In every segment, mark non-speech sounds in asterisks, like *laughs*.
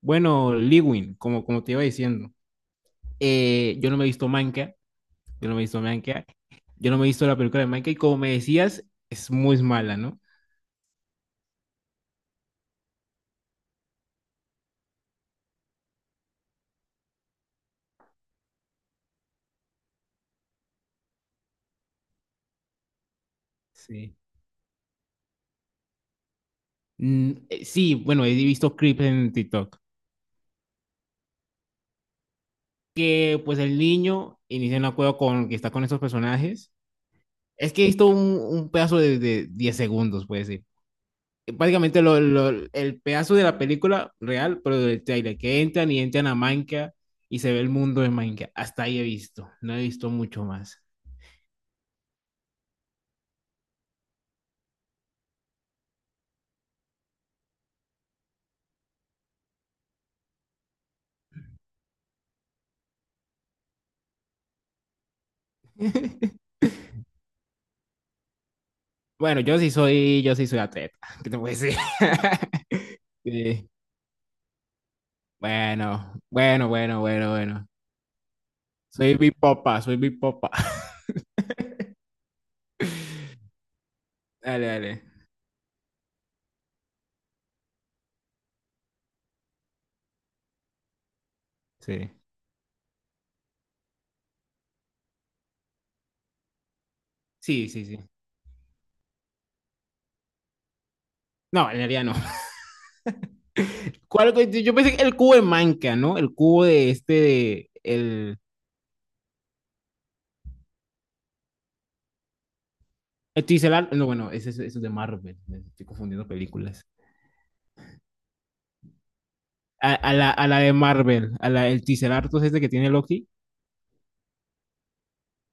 Bueno, Lewin, como te iba diciendo, eh, yo no me he visto Manca, yo no me he visto Manca, yo no me he visto la película de Manca y como me decías, es muy mala, ¿no? Sí. Sí, bueno, he visto clips en TikTok, que pues el niño inicia un acuerdo con que está con estos personajes. Es que he visto un pedazo de 10 segundos, puede ser. Básicamente el pedazo de la película real, pero del trailer, que entran y entran a Minecraft y se ve el mundo de Minecraft. Hasta ahí he visto, no he visto mucho más. *laughs* Bueno, yo sí soy atleta, *laughs* ¿qué te puedo decir? *laughs* Sí. Bueno, bueno, bueno, bueno, bueno. Soy Bipopa soy Bipopa. *laughs* Dale, dale. Sí. Sí, sí, sí. No, en realidad no. *laughs* ¿Cuál? Yo pensé que el cubo de Minecraft, ¿no? El cubo de este, de, el Ticelar, no, bueno, eso es de Marvel, me estoy confundiendo películas. A la de Marvel, a la, el Ticelartos ese que tiene Loki,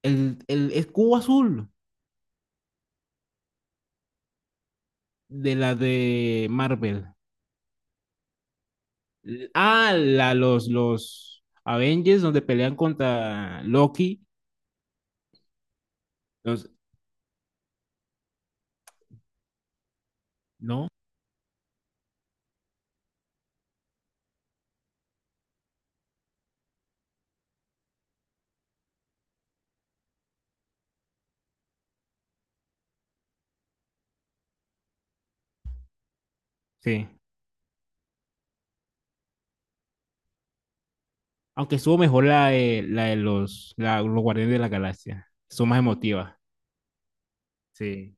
el es cubo azul de la de Marvel. Ah, los Avengers donde pelean contra Loki, los, ¿no? Sí. Aunque estuvo mejor la de los, los Guardianes de la Galaxia, estuvo más emotiva, sí.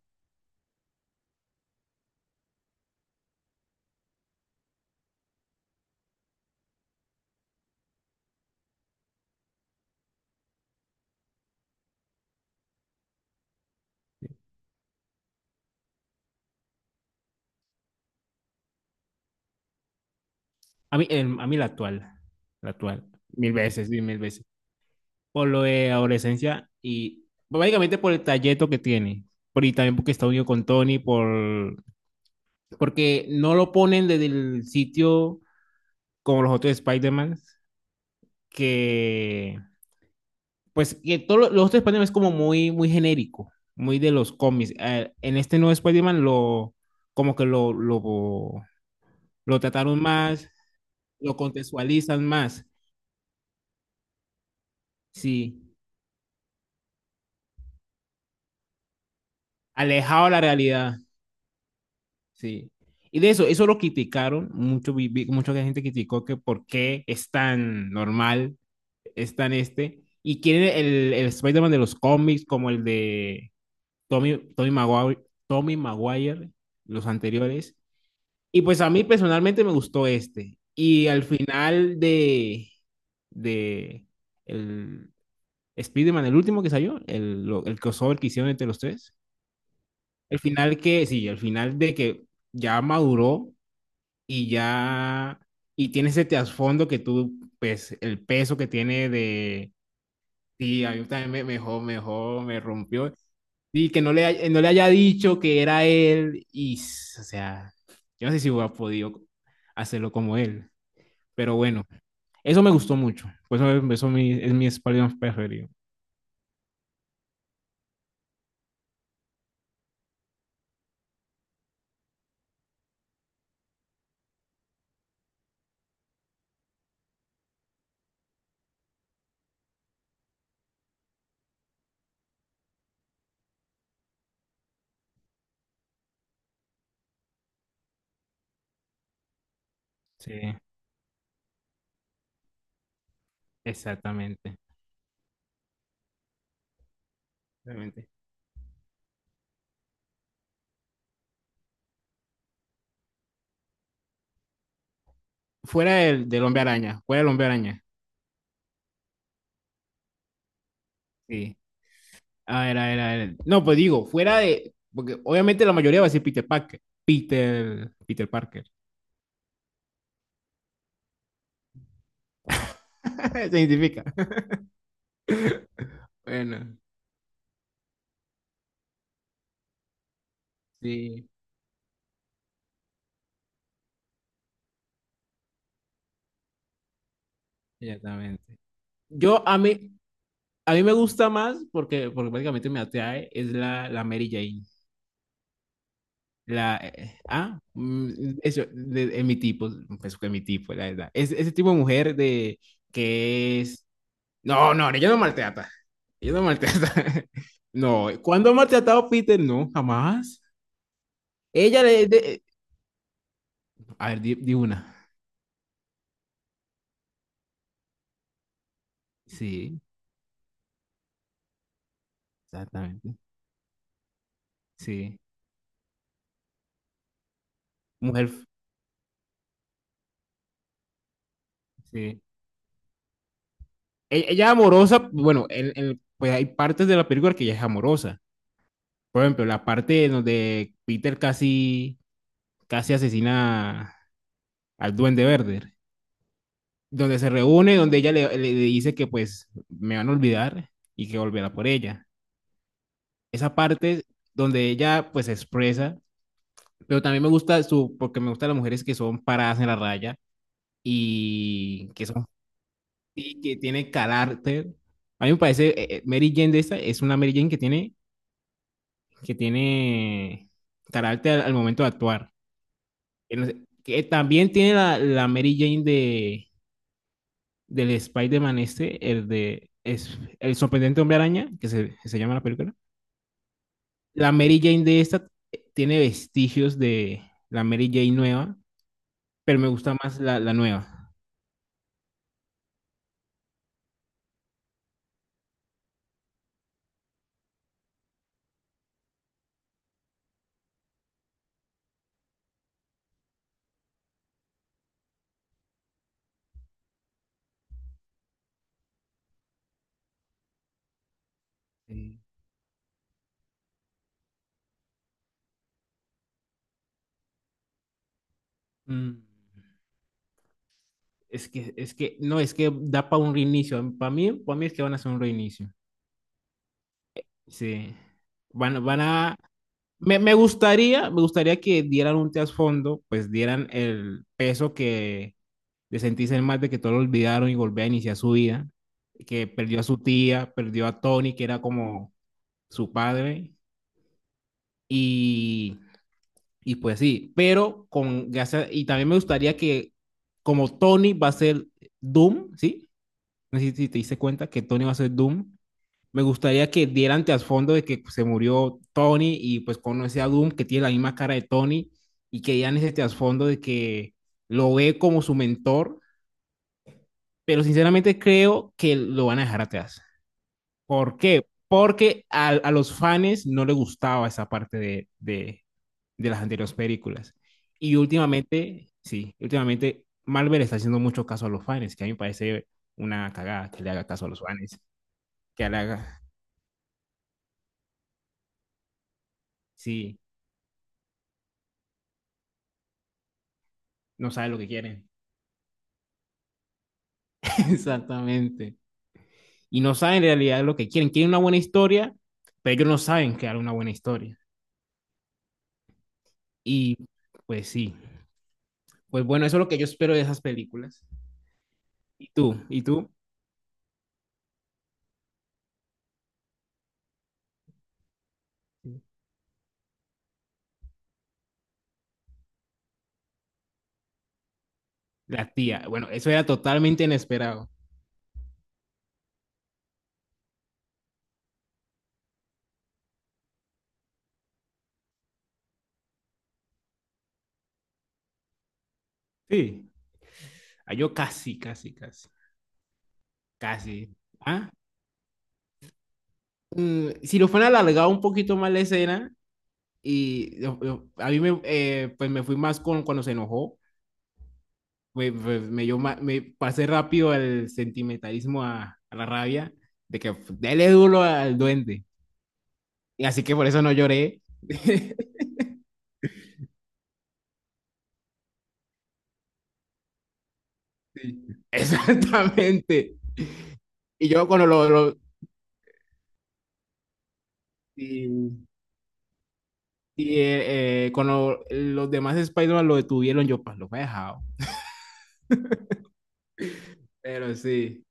Sí. A mí la actual, mil veces, sí, mil veces. Por lo de adolescencia y básicamente por el talleto que tiene. Por, y también porque está unido con Tony, por, porque no lo ponen desde el sitio como los otros Spider-Man, que pues que todos los otros Spider-Man es como muy, muy genérico, muy de los cómics. En este nuevo Spider-Man lo, como que lo trataron más, lo contextualizan más, sí, alejado de la realidad. Sí. Y de eso, eso lo criticaron mucho, mucha gente criticó que por qué es tan normal, es tan este, y quieren el Spider-Man de los cómics como el de Tommy, Tommy Maguire, Tommy Maguire, los anteriores. Y pues a mí personalmente me gustó este. Y al final de el Spider-Man, el último que salió, el crossover que hicieron entre los tres, el final que, sí, el final de que ya maduró y ya, y tiene ese trasfondo que tú, pues, el peso que tiene de ti, a mí también me, mejor, me rompió. Y que no le, no le haya dicho que era él, y, o sea, yo no sé si hubiera podido hacerlo como él, pero bueno, eso me gustó mucho, por eso, es mi Spider-Man preferido. Sí, exactamente, exactamente. Fuera del Hombre Araña, sí. A ver, a ver, a ver. No, pues digo, fuera de. Porque obviamente la mayoría va a decir Peter Parker. Peter. Peter Parker. *laughs* Se identifica. Bueno, sí, exactamente. Yo a mí me gusta más porque, porque prácticamente me atrae, es la Mary Jane. La, eso, de mi tipo, pues que mi tipo, la verdad. Es, ese tipo de mujer de que es. No, no, no, ella no maltrata. Ella no maltrata. *laughs* No, ¿cuándo ha maltratado Peter? No, jamás. Ella le... de- A ver, di una. Sí, exactamente. Sí. Mujer. Sí. E- Ella, amorosa, bueno, pues hay partes de la película que ella es amorosa. Por ejemplo, la parte en donde Peter casi asesina al Duende Verde. Donde se reúne, donde ella le, le dice que pues me van a olvidar y que volverá por ella. Esa parte donde ella pues se expresa, pero también me gusta su, porque me gustan las mujeres que son paradas en la raya y que son sí, que tiene carácter. A mí me parece, Mary Jane de esta es una Mary Jane que tiene carácter al momento de actuar. Que, no sé- que también tiene la Mary Jane de, del Spider-Man este, el de es, El sorprendente hombre araña, que se llama la película. La Mary Jane de esta tiene vestigios de la Mary Jane nueva, pero me gusta más la nueva. Sí. Mm. No, es que da para un reinicio. Para mí es que van a hacer un reinicio. Sí. Van a... me gustaría que dieran un trasfondo, pues dieran el peso que de sentirse el mal de que todo lo olvidaron y volver a iniciar su vida, que perdió a su tía, perdió a Tony, que era como su padre, y, y pues sí, pero con gracias, y también me gustaría que como Tony va a ser Doom, ¿sí? No sé si te diste cuenta que Tony va a ser Doom, me gustaría que dieran trasfondo de que pues, se murió Tony y pues conoce a Doom, que tiene la misma cara de Tony, y que dieran ese trasfondo de que lo ve como su mentor, pero sinceramente creo que lo van a dejar atrás. ¿Por qué? Porque a los fans no les gustaba esa parte de las anteriores películas. Y últimamente, sí, últimamente Marvel está haciendo mucho caso a los fans, que a mí me parece una cagada que le haga caso a los fans, que le haga, sí, no sabe lo que quieren. Exactamente. Y no saben en realidad lo que quieren. Quieren una buena historia, pero ellos no saben crear una buena historia. Y pues sí. Pues bueno, eso es lo que yo espero de esas películas. ¿Y tú? ¿Y tú? La tía. Bueno, eso era totalmente inesperado. Sí. Ah, yo casi. Casi. ¿Ah? Mm, si lo fueran alargado un poquito más la escena, y a mí me, pues me fui más con cuando se enojó me, pues, me, me pasé rápido al sentimentalismo, a la rabia, de que dele duro al duende. Y así que por eso no lloré. *laughs* Sí, exactamente. Y yo cuando y, cuando los demás Spider-Man lo detuvieron, yo pues lo he dejado. Pero sí,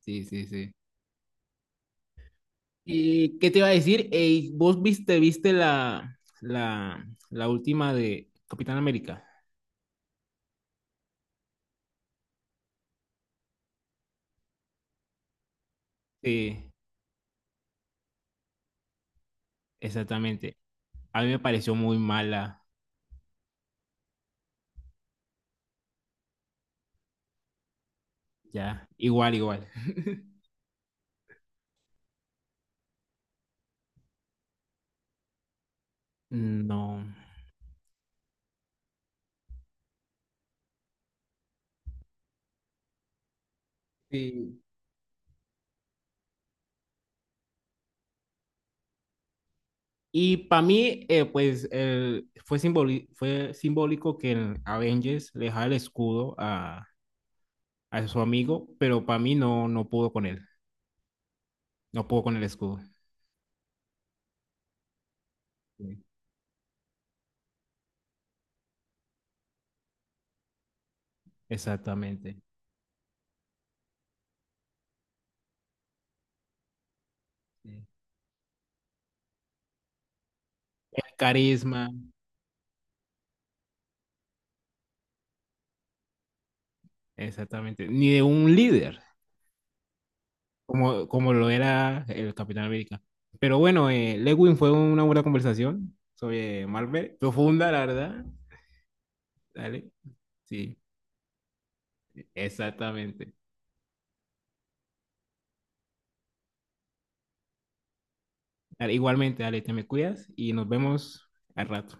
sí, sí, sí. ¿Y qué te iba a decir? Ey, ¿vos viste la última de Capitán América? Sí, exactamente. A mí me pareció muy mala, ya. Igual, igual. *laughs* No. Sí. Y para mí, pues, fue, fue simbólico que en Avengers le dejara el escudo a su amigo, pero para mí no, no pudo con él. No pudo con el escudo. Sí, exactamente. Sí. El carisma, exactamente. Ni de un líder, como lo era el Capitán América. Pero bueno, Lewin, fue una buena conversación sobre Marvel, profunda, la verdad. Dale, sí, exactamente. Dale, igualmente, dale, te me cuidas y nos vemos al rato.